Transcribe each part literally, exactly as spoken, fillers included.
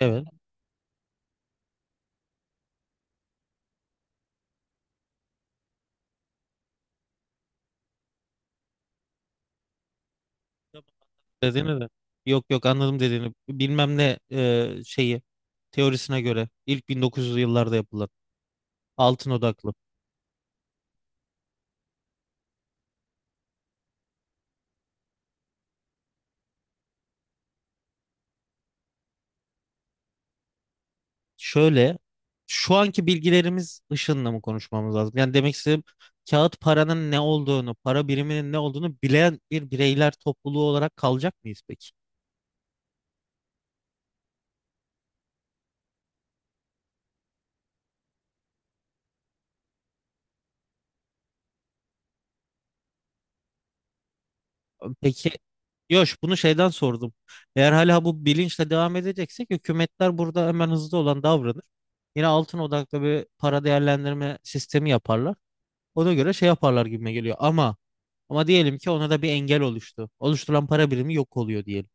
Evet. Dediğini de. Yok yok anladım dediğini. Bilmem ne e, şeyi teorisine göre ilk bin dokuz yüzlü yıllarda yapılan altın odaklı. Şöyle, şu anki bilgilerimiz ışığında mı konuşmamız lazım? Yani demek istediğim, kağıt paranın ne olduğunu, para biriminin ne olduğunu bilen bir bireyler topluluğu olarak kalacak mıyız peki? Peki. Yok, bunu şeyden sordum. Eğer hala bu bilinçle devam edeceksek, hükümetler burada hemen hızlı olan davranır. Yine altın odaklı bir para değerlendirme sistemi yaparlar. Ona göre şey yaparlar gibime geliyor. Ama ama diyelim ki ona da bir engel oluştu. Oluşturulan para birimi yok oluyor diyelim.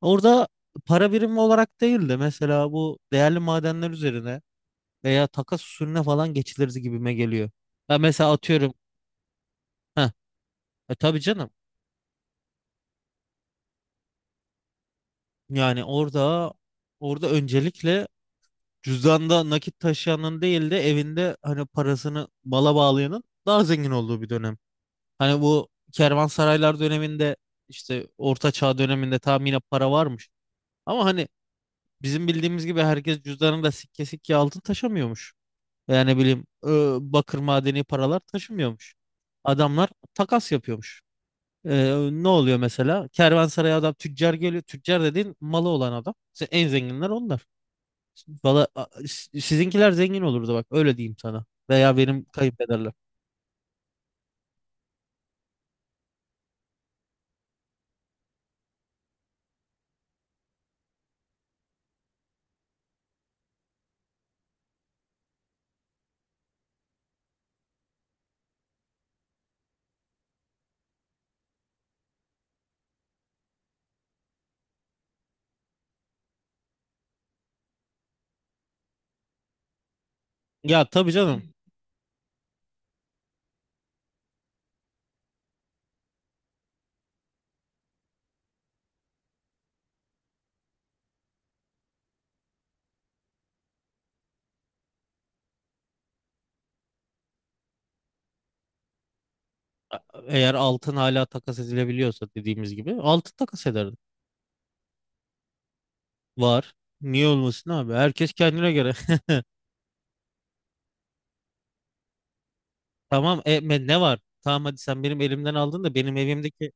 Orada para birimi olarak değil de mesela bu değerli madenler üzerine veya takas usulüne falan geçilir gibime geliyor. Ya mesela atıyorum. Heh, e tabii canım. Yani orada orada öncelikle cüzdanda nakit taşıyanın değil de evinde hani parasını mala bağlayanın daha zengin olduğu bir dönem. Hani bu kervansaraylar döneminde, işte Orta Çağ döneminde tam yine para varmış. Ama hani bizim bildiğimiz gibi herkes cüzdanında sikke sikke altın taşımıyormuş. Yani bileyim ö, bakır madeni paralar taşımıyormuş. Adamlar takas yapıyormuş. Ee, ne oluyor mesela? Kervansaraya adam tüccar geliyor. Tüccar dediğin malı olan adam. İşte en zenginler onlar. Valla a- si- sizinkiler zengin olurdu, bak öyle diyeyim sana. Veya benim kayınpederler. Ya tabii canım. A- Eğer altın hala takas edilebiliyorsa, dediğimiz gibi altın takas ederdim. Var. Niye olmasın abi? Herkes kendine göre. Tamam e, me- ne var? Tamam, hadi sen benim elimden aldın da benim evimdeki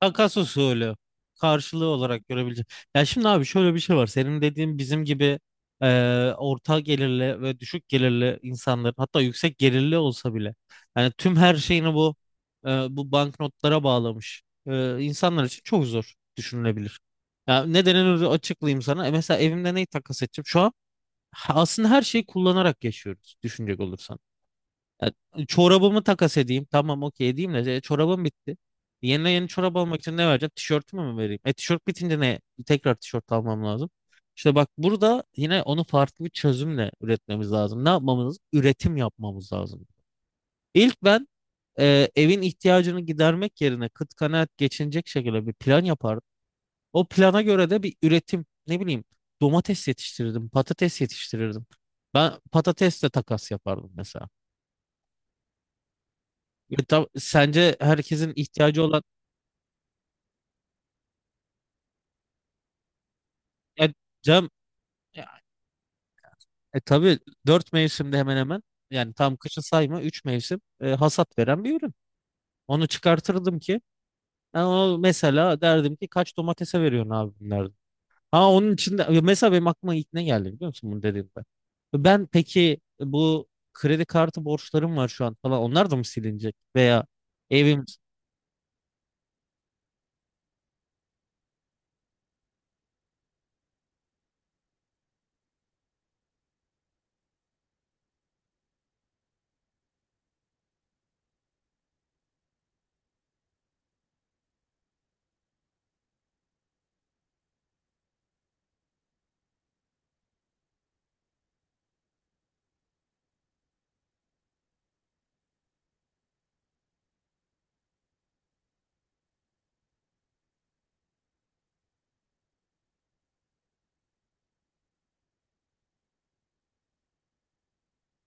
takas usulü karşılığı olarak görebilecek. Ya şimdi abi şöyle bir şey var. Senin dediğin bizim gibi e, orta gelirli ve düşük gelirli insanların, hatta yüksek gelirli olsa bile, yani tüm her şeyini bu e, bu banknotlara bağlamış e, insanlar için çok zor düşünülebilir. Ya nedenini açıklayayım sana. E, mesela evimde neyi takas edeceğim? Şu an ha- aslında her şeyi kullanarak yaşıyoruz, düşünecek olursan. Ya, çorabımı takas edeyim. Tamam, okey edeyim de e, çorabım bitti. Yeni yeni çorap almak için ne vereceğim? Tişörtümü mü vereyim? E tişört bitince ne? Tekrar tişört almam lazım. İşte bak, burada yine onu farklı bir çözümle üretmemiz lazım. Ne yapmamız lazım? Üretim yapmamız lazım. İlk ben e, evin ihtiyacını gidermek yerine kıt kanaat geçinecek şekilde bir plan yapardım. O plana göre de bir üretim, ne bileyim, domates yetiştirirdim, patates yetiştirirdim. Ben patatesle takas yapardım mesela. Ya tab- sence herkesin ihtiyacı olan ya Cem, ya, e, tabii dört mevsimde hemen hemen, yani tam kışı sayma, üç mevsim e, hasat veren bir ürün. Onu çıkartırdım ki ben onu, mesela derdim ki, kaç domatese veriyorsun abi bunlardan. Ha, onun içinde ya mesela benim aklıma ilk ne geldi biliyor musun bunu dediğimde. Ben peki bu kredi kartı borçlarım var şu an falan, onlar da mı silinecek veya evim?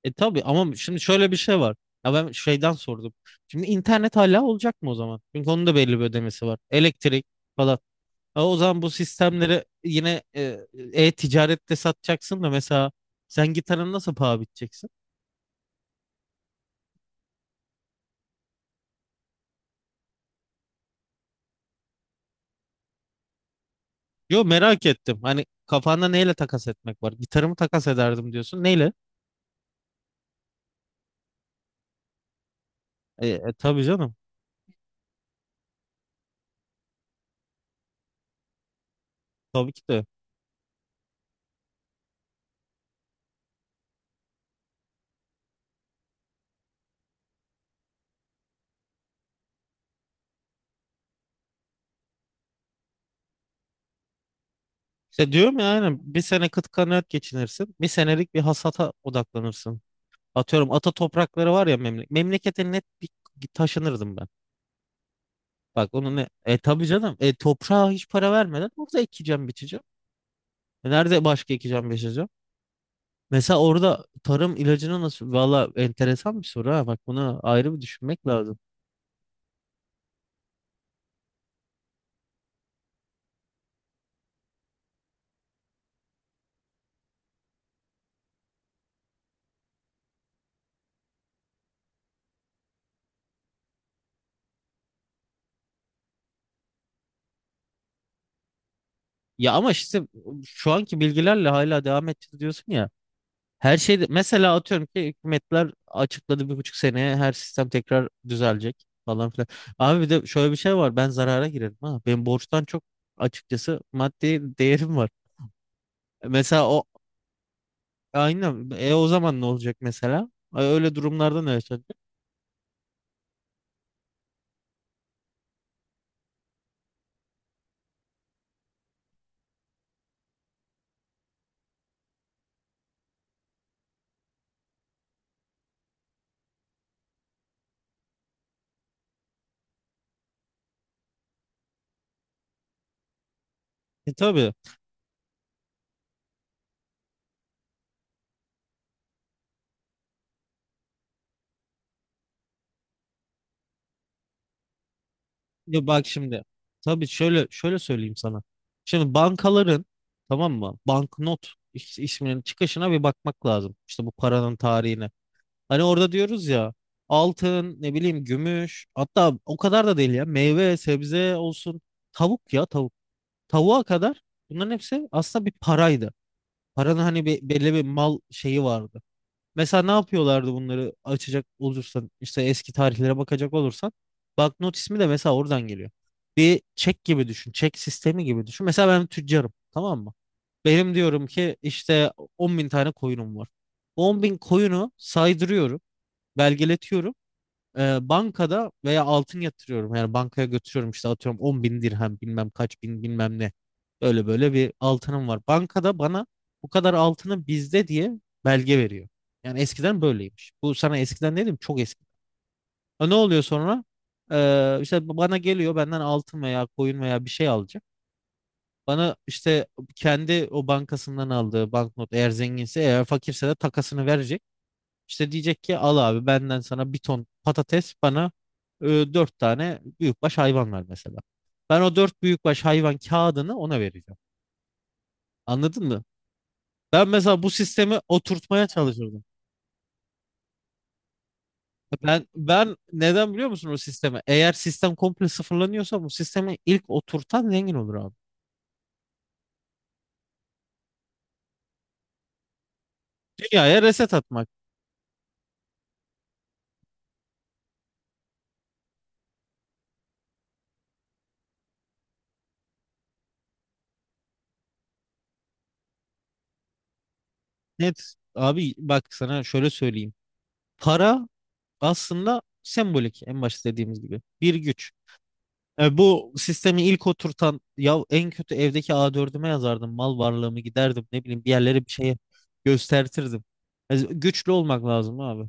E tabii ama şimdi şöyle bir şey var. Ya ben şeyden sordum. Şimdi internet hala olacak mı o zaman? Çünkü onun da belli bir ödemesi var. Elektrik falan. Ha, o zaman bu sistemleri yine e, e-ticarette satacaksın da mesela sen gitarını nasıl paha biteceksin? Yo, merak ettim. Hani kafanda neyle takas etmek var? Gitarımı takas ederdim diyorsun. Neyle? E, e, tabii canım. Tabii ki de. İşte diyorum ya, aynen bir sene kıt kanaat geçinirsin. Bir senelik bir hasata odaklanırsın. Atıyorum ata toprakları var ya, memle memlekete net bir taşınırdım ben. Bak onu ne? E tabii canım. E toprağa hiç para vermeden orada ekeceğim, biçeceğim. E, nerede başka ekeceğim, biçeceğim? Mesela orada tarım ilacını nasıl? Valla enteresan bir soru ha. Bak bunu ayrı bir düşünmek lazım. Ya ama işte, şu anki bilgilerle hala devam edeceğiz diyorsun ya. Her şeyde mesela atıyorum ki hükümetler açıkladı, bir buçuk seneye her sistem tekrar düzelecek falan filan. Abi bir de şöyle bir şey var, ben zarara girerim ha. Benim borçtan çok açıkçası maddi değerim var. Mesela o aynen, e o zaman ne olacak mesela? E, öyle durumlarda ne yaşanacak? E tabii. Ya bak şimdi, tabii şöyle şöyle söyleyeyim sana. Şimdi bankaların, tamam mı, banknot is- isminin çıkışına bir bakmak lazım. İşte bu paranın tarihine. Hani orada diyoruz ya, altın, ne bileyim gümüş, hatta o kadar da değil ya, meyve sebze olsun, tavuk ya, tavuk. Tavuğa kadar bunların hepsi aslında bir paraydı. Paranın hani bir, belli bir mal şeyi vardı. Mesela ne yapıyorlardı bunları, açacak olursan işte eski tarihlere bakacak olursan, banknot ismi de mesela oradan geliyor. Bir çek gibi düşün, çek sistemi gibi düşün. Mesela ben tüccarım, tamam mı? Benim diyorum ki işte, on bin tane koyunum var. on bin koyunu saydırıyorum, belgeletiyorum. Ee, bankada veya altın yatırıyorum. Yani bankaya götürüyorum, işte atıyorum on bin dirhem bilmem kaç bin bilmem ne. Böyle böyle bir altınım var. Bankada bana bu kadar altını bizde diye belge veriyor. Yani eskiden böyleymiş. Bu sana eskiden dedim, çok eski. Ha, ne oluyor sonra? Ee, işte bana geliyor, benden altın veya koyun veya bir şey alacak. Bana işte kendi o bankasından aldığı banknot, eğer zenginse, eğer fakirse de takasını verecek. İşte diyecek ki, al abi benden sana bir ton patates, bana e, dört tane büyükbaş hayvan ver mesela. Ben o dört büyükbaş hayvan kağıdını ona vereceğim. Anladın mı? Ben mesela bu sistemi oturtmaya çalışırdım. Ben ben neden biliyor musun o sistemi? Eğer sistem komple sıfırlanıyorsa, bu sistemi ilk oturtan zengin olur abi. Dünyaya reset atmak. Net. Abi bak sana şöyle söyleyeyim. Para aslında sembolik, en başta dediğimiz gibi. Bir güç. E, bu sistemi ilk oturtan, ya en kötü evdeki a dördüme yazardım mal varlığımı, giderdim ne bileyim bir yerlere bir şeye göstertirdim. E, güçlü olmak lazım abi.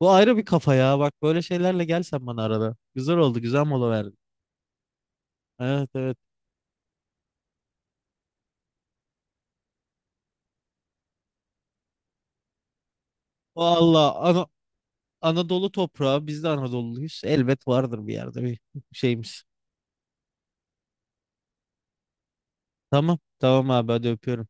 Bu ayrı bir kafa ya, bak böyle şeylerle gel sen bana arada. Güzel oldu, güzel mola verdin. Evet, evet. Valla Ana- Anadolu toprağı, biz de Anadolu'luyuz. Elbet vardır bir yerde bir şeyimiz. Tamam tamam abi, hadi öpüyorum.